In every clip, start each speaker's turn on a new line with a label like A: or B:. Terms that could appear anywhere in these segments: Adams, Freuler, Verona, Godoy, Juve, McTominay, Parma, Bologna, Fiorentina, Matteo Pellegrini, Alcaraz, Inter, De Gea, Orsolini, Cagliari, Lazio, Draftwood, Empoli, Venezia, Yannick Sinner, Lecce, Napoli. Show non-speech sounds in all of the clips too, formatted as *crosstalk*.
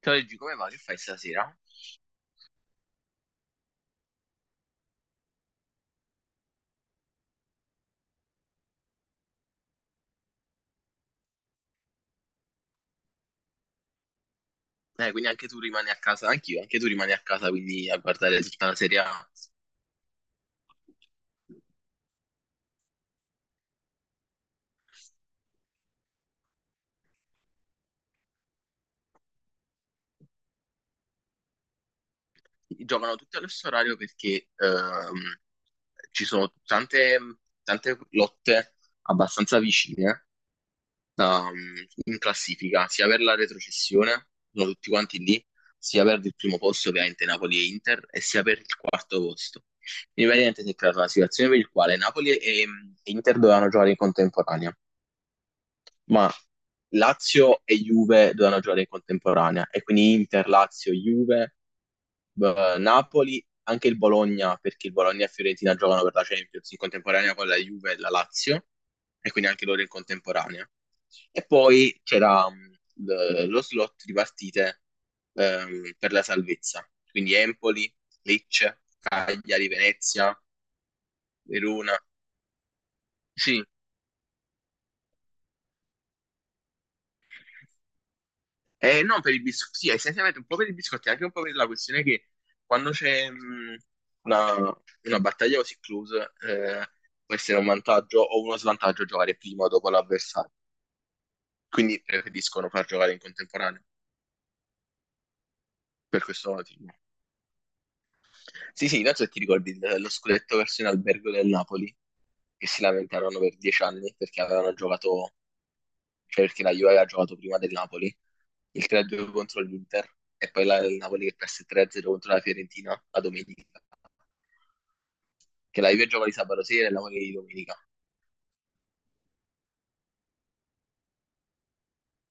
A: Ciao Luigi, come va? Che fai stasera? Quindi anche tu rimani a casa, anch'io, anche tu rimani a casa, quindi a guardare tutta la Serie A. Giocano tutti allo stesso orario perché ci sono tante lotte abbastanza vicine da- in classifica, sia per la retrocessione, sono tutti quanti lì, sia per il primo posto, ovviamente Napoli e Inter, e sia per il quarto posto. Quindi praticamente si è creata una situazione per il quale Napoli e Inter dovevano giocare in contemporanea. Ma Lazio e Juve dovevano giocare in contemporanea e quindi Inter, Lazio, Juve, Napoli, anche il Bologna, perché il Bologna e Fiorentina giocano per la Champions in contemporanea con la Juve e la Lazio e quindi anche loro in contemporanea. E poi c'era lo slot di partite per la salvezza, quindi Empoli, Lecce, Cagliari, Venezia, Verona. Sì. Non per i biscotti, sì, essenzialmente un po' per i biscotti, anche un po' per la questione che quando c'è una, una battaglia così close, può essere un vantaggio o uno svantaggio giocare prima o dopo l'avversario. Quindi preferiscono far giocare in contemporanea per questo motivo. Sì, sì, non so se ti ricordi lo scudetto versione Albergo del Napoli, che si lamentarono per 10 anni perché avevano giocato cioè perché la Juve aveva giocato prima del Napoli, il 3-2 contro l'Inter e poi il Napoli che perse 3-0 contro la Fiorentina la domenica. Che la Juve gioca di sabato sera e la Napoli di domenica.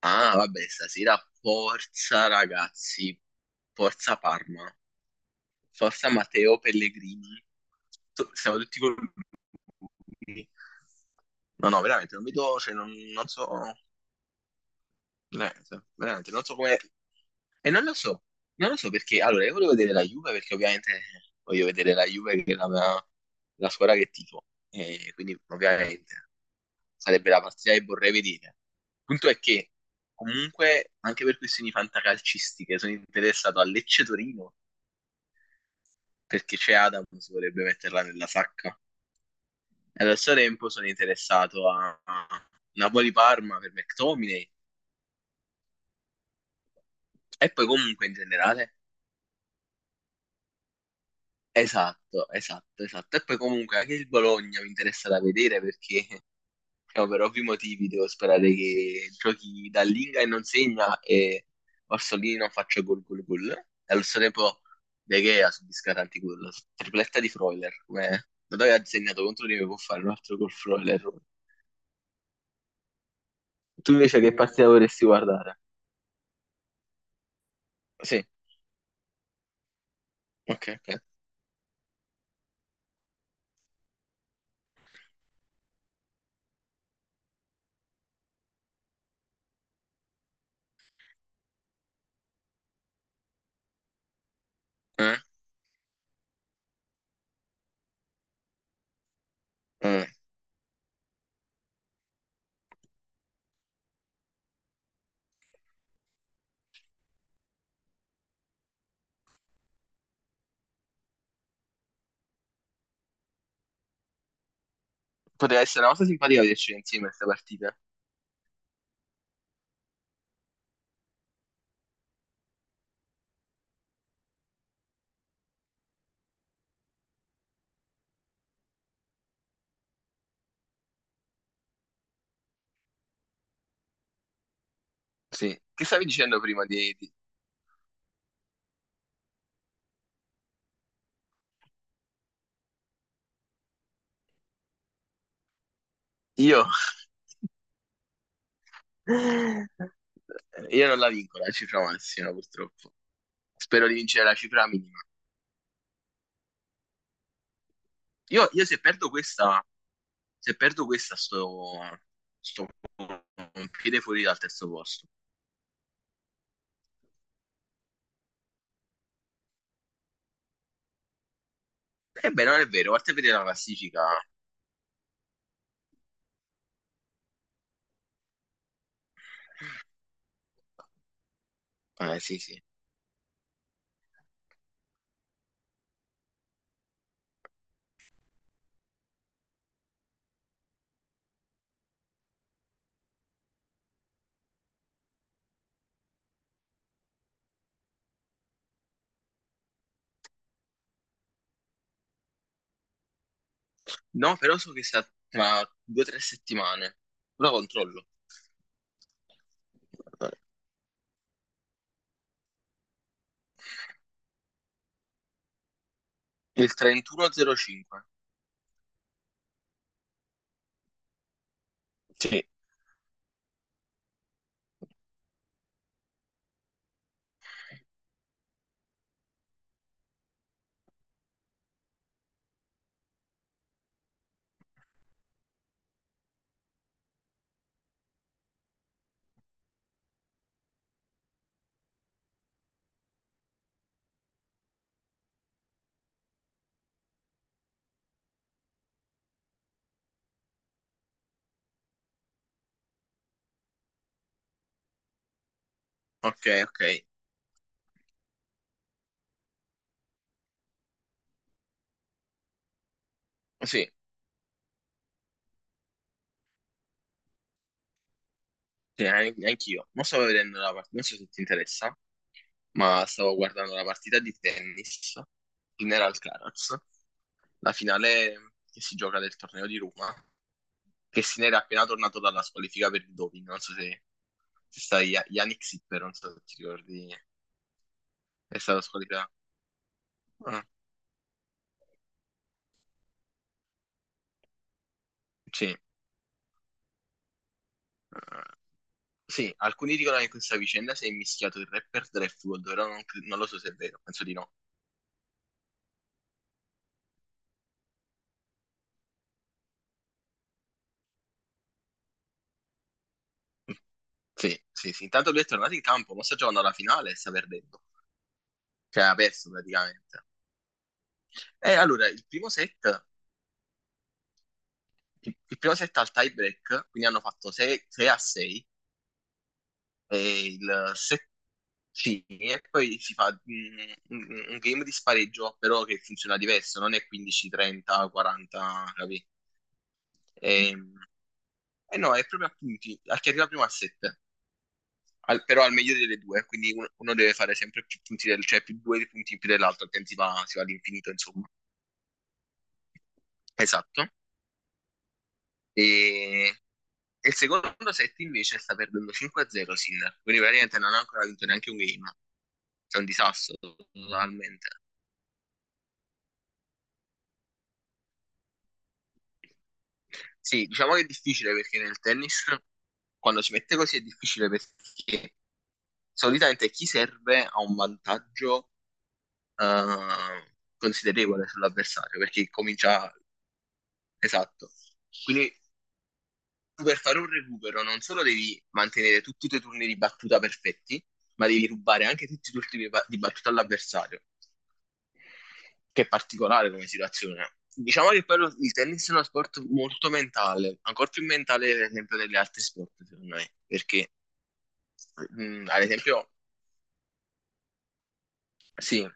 A: Ah, vabbè, stasera forza ragazzi, forza Parma, forza Matteo Pellegrini. Siamo tutti con lui. No, no, veramente non vedo, cioè non so. Veramente, veramente, non so come... E non lo so, non lo so perché... Allora, io volevo vedere la Juve perché ovviamente voglio vedere la Juve che è la squadra che tifo. E quindi ovviamente sarebbe la partita che vorrei vedere. Il punto è che comunque anche per questioni fantacalcistiche sono interessato a Lecce Torino perché c'è Adams, vorrebbe metterla nella sacca. E allo stesso tempo sono interessato a Napoli Parma per McTominay e poi comunque in generale. Esatto, esatto, esatto. E poi comunque anche il Bologna mi interessa da vedere perché *laughs* no, per ovvi motivi devo sperare che giochi dall'Inga e non segna e Orsolini non faccia gol gol gol. E allo stesso tempo De Gea subisca tanti gol. Tripletta di Freuler, come Godoy ha segnato contro di me può fare un altro gol Freuler. Tu invece che partita vorresti guardare? Sì, ok, ok. Eh, eh. Poteva essere una cosa simpatica vederci insieme a questa partita. Sì. Che stavi dicendo prima. Io? Io non la vinco la cifra massima, purtroppo. Spero di vincere la cifra minima. Io se perdo questa, sto un piede fuori dal terzo posto. Ebbene, non è vero, guarda a vedere la classifica. Sì, sì. No, però so che sta tra 2 o 3 settimane. Ora controllo. Il 31/05. Sì. Ok, ok. Sì, sì, anch'io. Non stavo vedendo la partita, non so se ti interessa. Ma stavo guardando la partita di tennis in Alcaraz, la finale che si gioca del torneo di Roma, che se n'era appena tornato dalla squalifica per il doping, non so se sai, Yannick Sinner, non so se ti ricordi, è stato squalificato. Ah, sì, sì, alcuni dicono che in questa vicenda si è mischiato il rapper Draftwood, però non lo so se è vero, penso di no. Sì, sì, sì, intanto lui è tornato in campo, ma sta giocando alla finale e sta perdendo, cioè ha perso praticamente. E allora, il primo set al tie break, quindi hanno fatto 6 a 6 e il set sì, e poi si fa un game di spareggio, però che funziona diverso, non è 15, 30, 40, capì? E, e no, è proprio a punti, a chi arriva prima a 7, però al meglio delle due, quindi uno deve fare sempre più punti, cioè più due punti in più dell'altro, altrimenti si va all'infinito, insomma. Esatto. E e il secondo set invece sta perdendo 5-0 Sinner, quindi praticamente non ha ancora vinto neanche un game. È un disastro totalmente. Sì, diciamo che è difficile perché nel tennis quando si mette così è difficile perché solitamente chi serve ha un vantaggio considerevole sull'avversario perché comincia. Esatto. Quindi per fare un recupero non solo devi mantenere tutti i tuoi turni di battuta perfetti, ma devi rubare anche tutti i tuoi turni di battuta all'avversario, che è particolare come situazione. Diciamo che poi il tennis è uno sport molto mentale, ancora più mentale per esempio degli altri sport, secondo me, perché ad esempio, sì,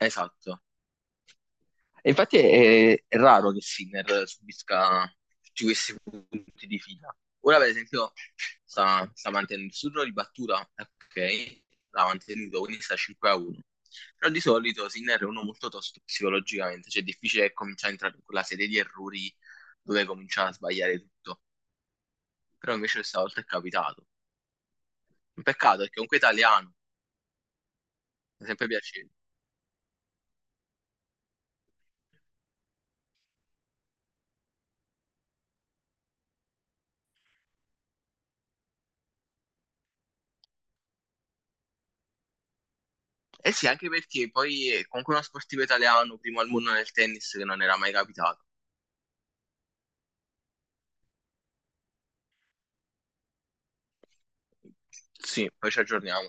A: esatto. E infatti è raro che Sinner subisca tutti questi punti di fila. Ora, per esempio, sta mantenendo il suo giro di battuta, ok, l'ha mantenuto, quindi sta 5 a 1. Però di solito Sinner è uno molto tosto psicologicamente, cioè è difficile cominciare a entrare in quella serie di errori dove comincia a sbagliare tutto. Però invece questa volta è capitato. Un peccato è che comunque è italiano, mi è sempre piaciuto. Eh sì, anche perché poi è comunque uno sportivo italiano, primo al mondo nel tennis, che non era mai capitato. Sì, poi ci aggiorniamo.